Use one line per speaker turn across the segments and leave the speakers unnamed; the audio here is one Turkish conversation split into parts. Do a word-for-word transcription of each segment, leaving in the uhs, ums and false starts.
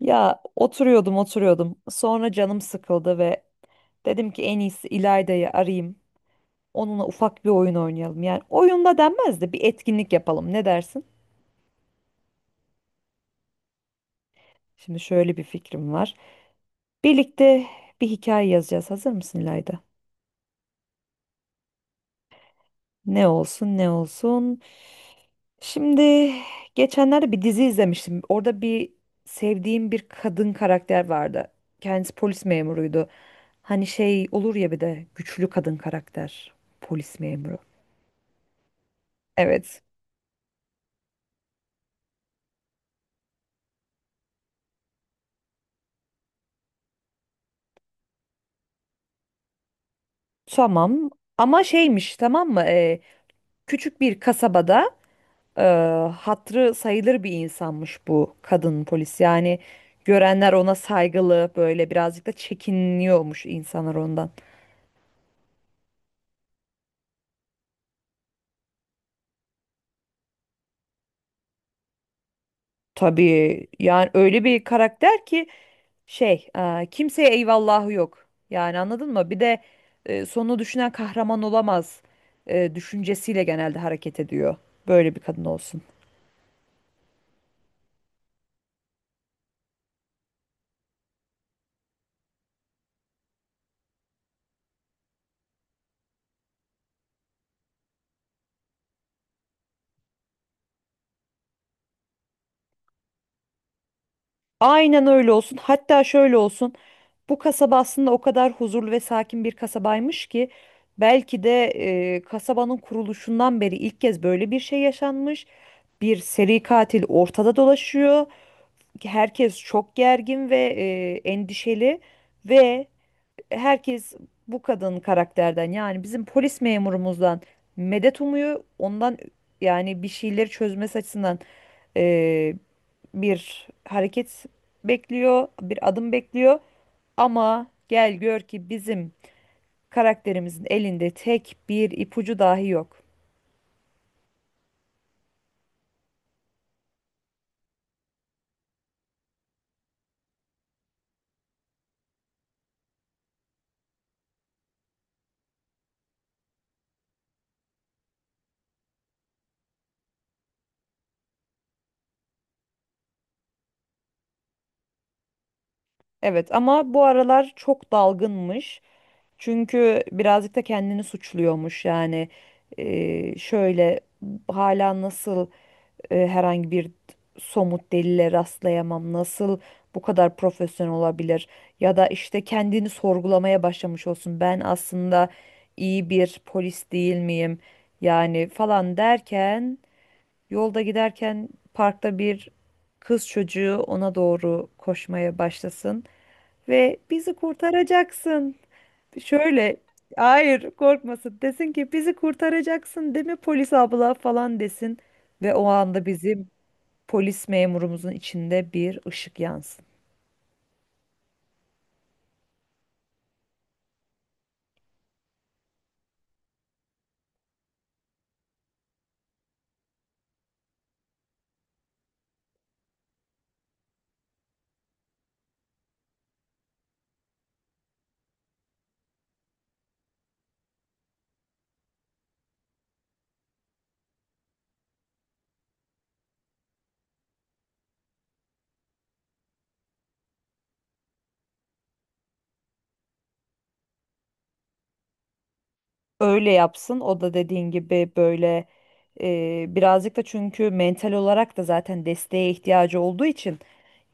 Ya oturuyordum oturuyordum. Sonra canım sıkıldı ve dedim ki en iyisi İlayda'yı arayayım. Onunla ufak bir oyun oynayalım. Yani oyunda denmez de bir etkinlik yapalım. Ne dersin? Şimdi şöyle bir fikrim var. Birlikte bir hikaye yazacağız. Hazır mısın İlayda? Ne olsun ne olsun. Şimdi geçenlerde bir dizi izlemiştim. Orada bir sevdiğim bir kadın karakter vardı. Kendisi polis memuruydu. Hani şey olur ya bir de güçlü kadın karakter. Polis memuru. Evet. Tamam. Ama şeymiş, tamam mı? Ee, küçük bir kasabada e, hatırı sayılır bir insanmış bu kadın polis. Yani görenler ona saygılı, böyle birazcık da çekiniyormuş insanlar ondan. Tabii, yani öyle bir karakter ki şey, e, kimseye eyvallahı yok. Yani anladın mı? Bir de e, sonunu düşünen kahraman olamaz e, düşüncesiyle genelde hareket ediyor. Böyle bir kadın olsun. Aynen öyle olsun. Hatta şöyle olsun. Bu kasaba aslında o kadar huzurlu ve sakin bir kasabaymış ki belki de e, kasabanın kuruluşundan beri ilk kez böyle bir şey yaşanmış. Bir seri katil ortada dolaşıyor. Herkes çok gergin ve e, endişeli ve herkes bu kadın karakterden, yani bizim polis memurumuzdan, medet umuyor. Ondan, yani bir şeyleri çözmesi açısından, bir hareket bekliyor, bir adım bekliyor. Ama gel gör ki bizim karakterimizin elinde tek bir ipucu dahi yok. Evet ama bu aralar çok dalgınmış. Çünkü birazcık da kendini suçluyormuş yani. Ee, şöyle, hala nasıl e, herhangi bir somut delile rastlayamam. Nasıl bu kadar profesyonel olabilir? Ya da işte kendini sorgulamaya başlamış olsun. Ben aslında iyi bir polis değil miyim? Yani falan derken, yolda giderken parkta bir kız çocuğu ona doğru koşmaya başlasın ve bizi kurtaracaksın. Şöyle, hayır korkmasın, desin ki bizi kurtaracaksın değil mi polis abla falan desin ve o anda bizim polis memurumuzun içinde bir ışık yansın. Öyle yapsın. O da dediğin gibi böyle, e, birazcık da çünkü mental olarak da zaten desteğe ihtiyacı olduğu için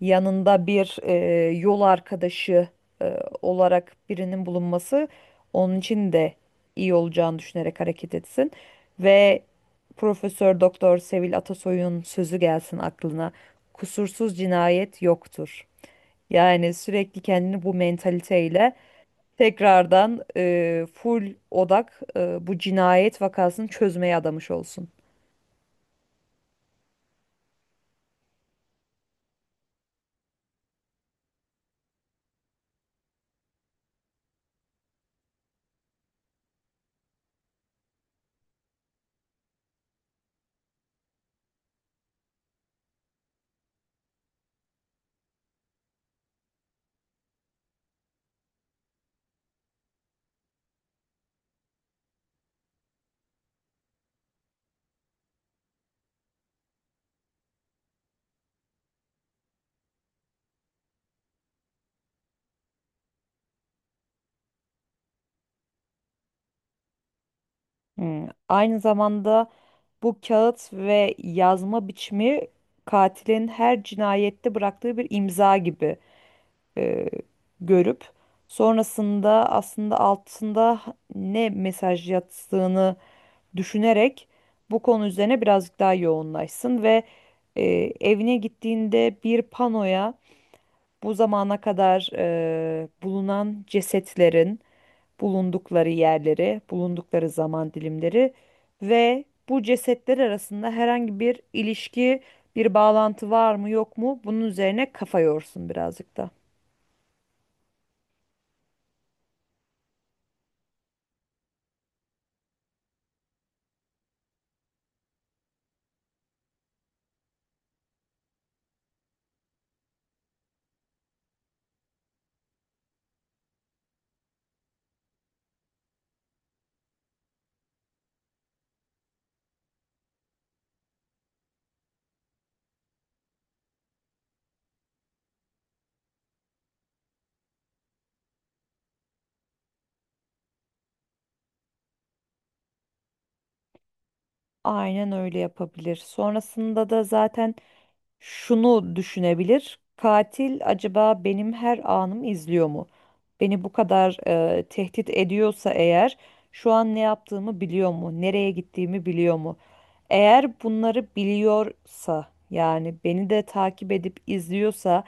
yanında bir e, yol arkadaşı e, olarak birinin bulunması onun için de iyi olacağını düşünerek hareket etsin. Ve Profesör Doktor Sevil Atasoy'un sözü gelsin aklına. Kusursuz cinayet yoktur. Yani sürekli kendini bu mentaliteyle tekrardan, e, full odak, e, bu cinayet vakasını çözmeye adamış olsun. Hmm. Aynı zamanda bu kağıt ve yazma biçimi katilin her cinayette bıraktığı bir imza gibi, e, görüp sonrasında aslında altında ne mesaj yattığını düşünerek bu konu üzerine birazcık daha yoğunlaşsın ve e, evine gittiğinde bir panoya bu zamana kadar eee, bulunan cesetlerin bulundukları yerleri, bulundukları zaman dilimleri ve bu cesetler arasında herhangi bir ilişki, bir bağlantı var mı yok mu, bunun üzerine kafa yorsun birazcık da. Aynen öyle yapabilir. Sonrasında da zaten şunu düşünebilir. Katil acaba benim her anımı izliyor mu? Beni bu kadar e, tehdit ediyorsa eğer, şu an ne yaptığımı biliyor mu? Nereye gittiğimi biliyor mu? Eğer bunları biliyorsa, yani beni de takip edip izliyorsa,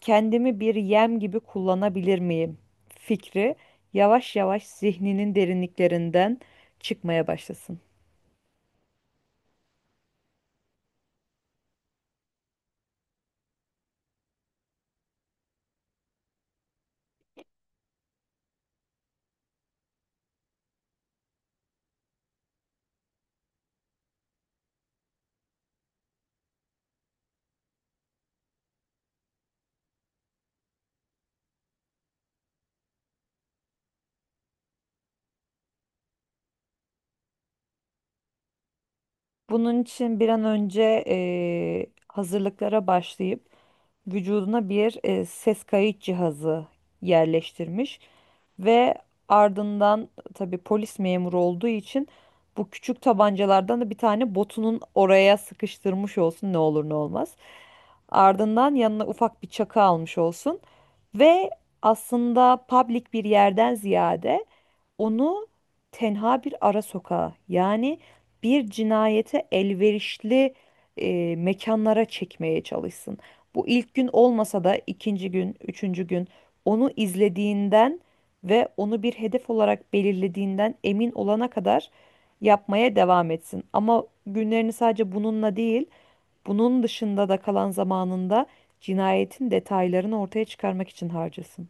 kendimi bir yem gibi kullanabilir miyim fikri yavaş yavaş zihninin derinliklerinden çıkmaya başlasın. Bunun için bir an önce eee, hazırlıklara başlayıp vücuduna bir eee, ses kayıt cihazı yerleştirmiş ve ardından, tabii polis memuru olduğu için, bu küçük tabancalardan da bir tane botunun oraya sıkıştırmış olsun, ne olur ne olmaz. Ardından yanına ufak bir çakı almış olsun. Ve aslında public bir yerden ziyade onu tenha bir ara sokağa, yani bir cinayete elverişli e, mekanlara çekmeye çalışsın. Bu ilk gün olmasa da ikinci gün, üçüncü gün, onu izlediğinden ve onu bir hedef olarak belirlediğinden emin olana kadar yapmaya devam etsin. Ama günlerini sadece bununla değil, bunun dışında da kalan zamanında cinayetin detaylarını ortaya çıkarmak için harcasın.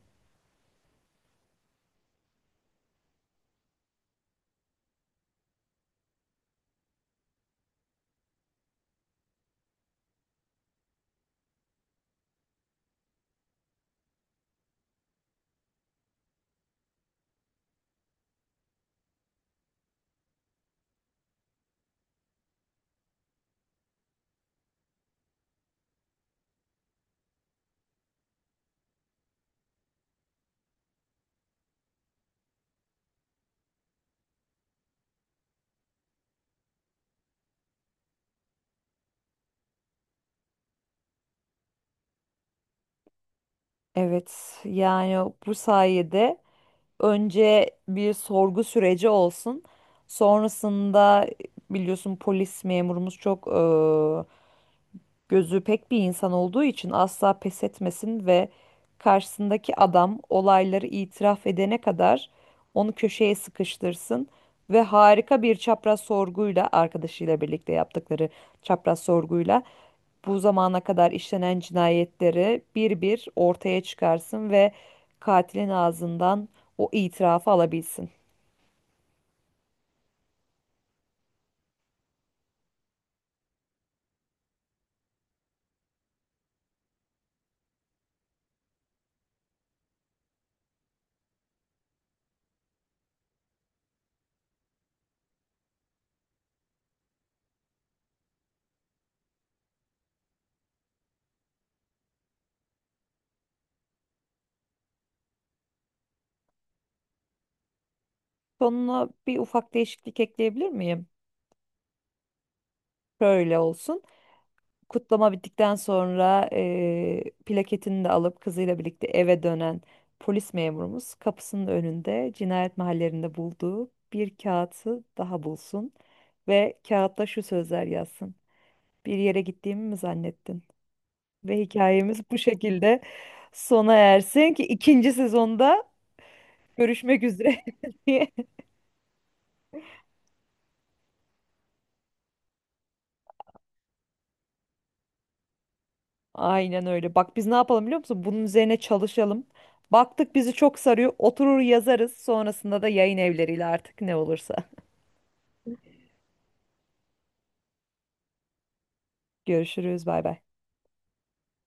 Evet, yani bu sayede önce bir sorgu süreci olsun. Sonrasında, biliyorsun polis memurumuz çok gözü pek bir insan olduğu için, asla pes etmesin ve karşısındaki adam olayları itiraf edene kadar onu köşeye sıkıştırsın ve harika bir çapraz sorguyla, arkadaşıyla birlikte yaptıkları çapraz sorguyla, bu zamana kadar işlenen cinayetleri bir bir ortaya çıkarsın ve katilin ağzından o itirafı alabilsin. Sonuna bir ufak değişiklik ekleyebilir miyim? Şöyle olsun. Kutlama bittikten sonra eee, plaketini de alıp kızıyla birlikte eve dönen polis memurumuz, kapısının önünde cinayet mahallerinde bulduğu bir kağıtı daha bulsun ve kağıtta şu sözler yazsın: bir yere gittiğimi mi zannettin? Ve hikayemiz bu şekilde sona ersin, ki ikinci sezonda görüşmek üzere diye. Aynen öyle. Bak biz ne yapalım biliyor musun? Bunun üzerine çalışalım. Baktık bizi çok sarıyor, oturur yazarız. Sonrasında da yayın evleriyle artık ne olursa. Görüşürüz. Bay bay.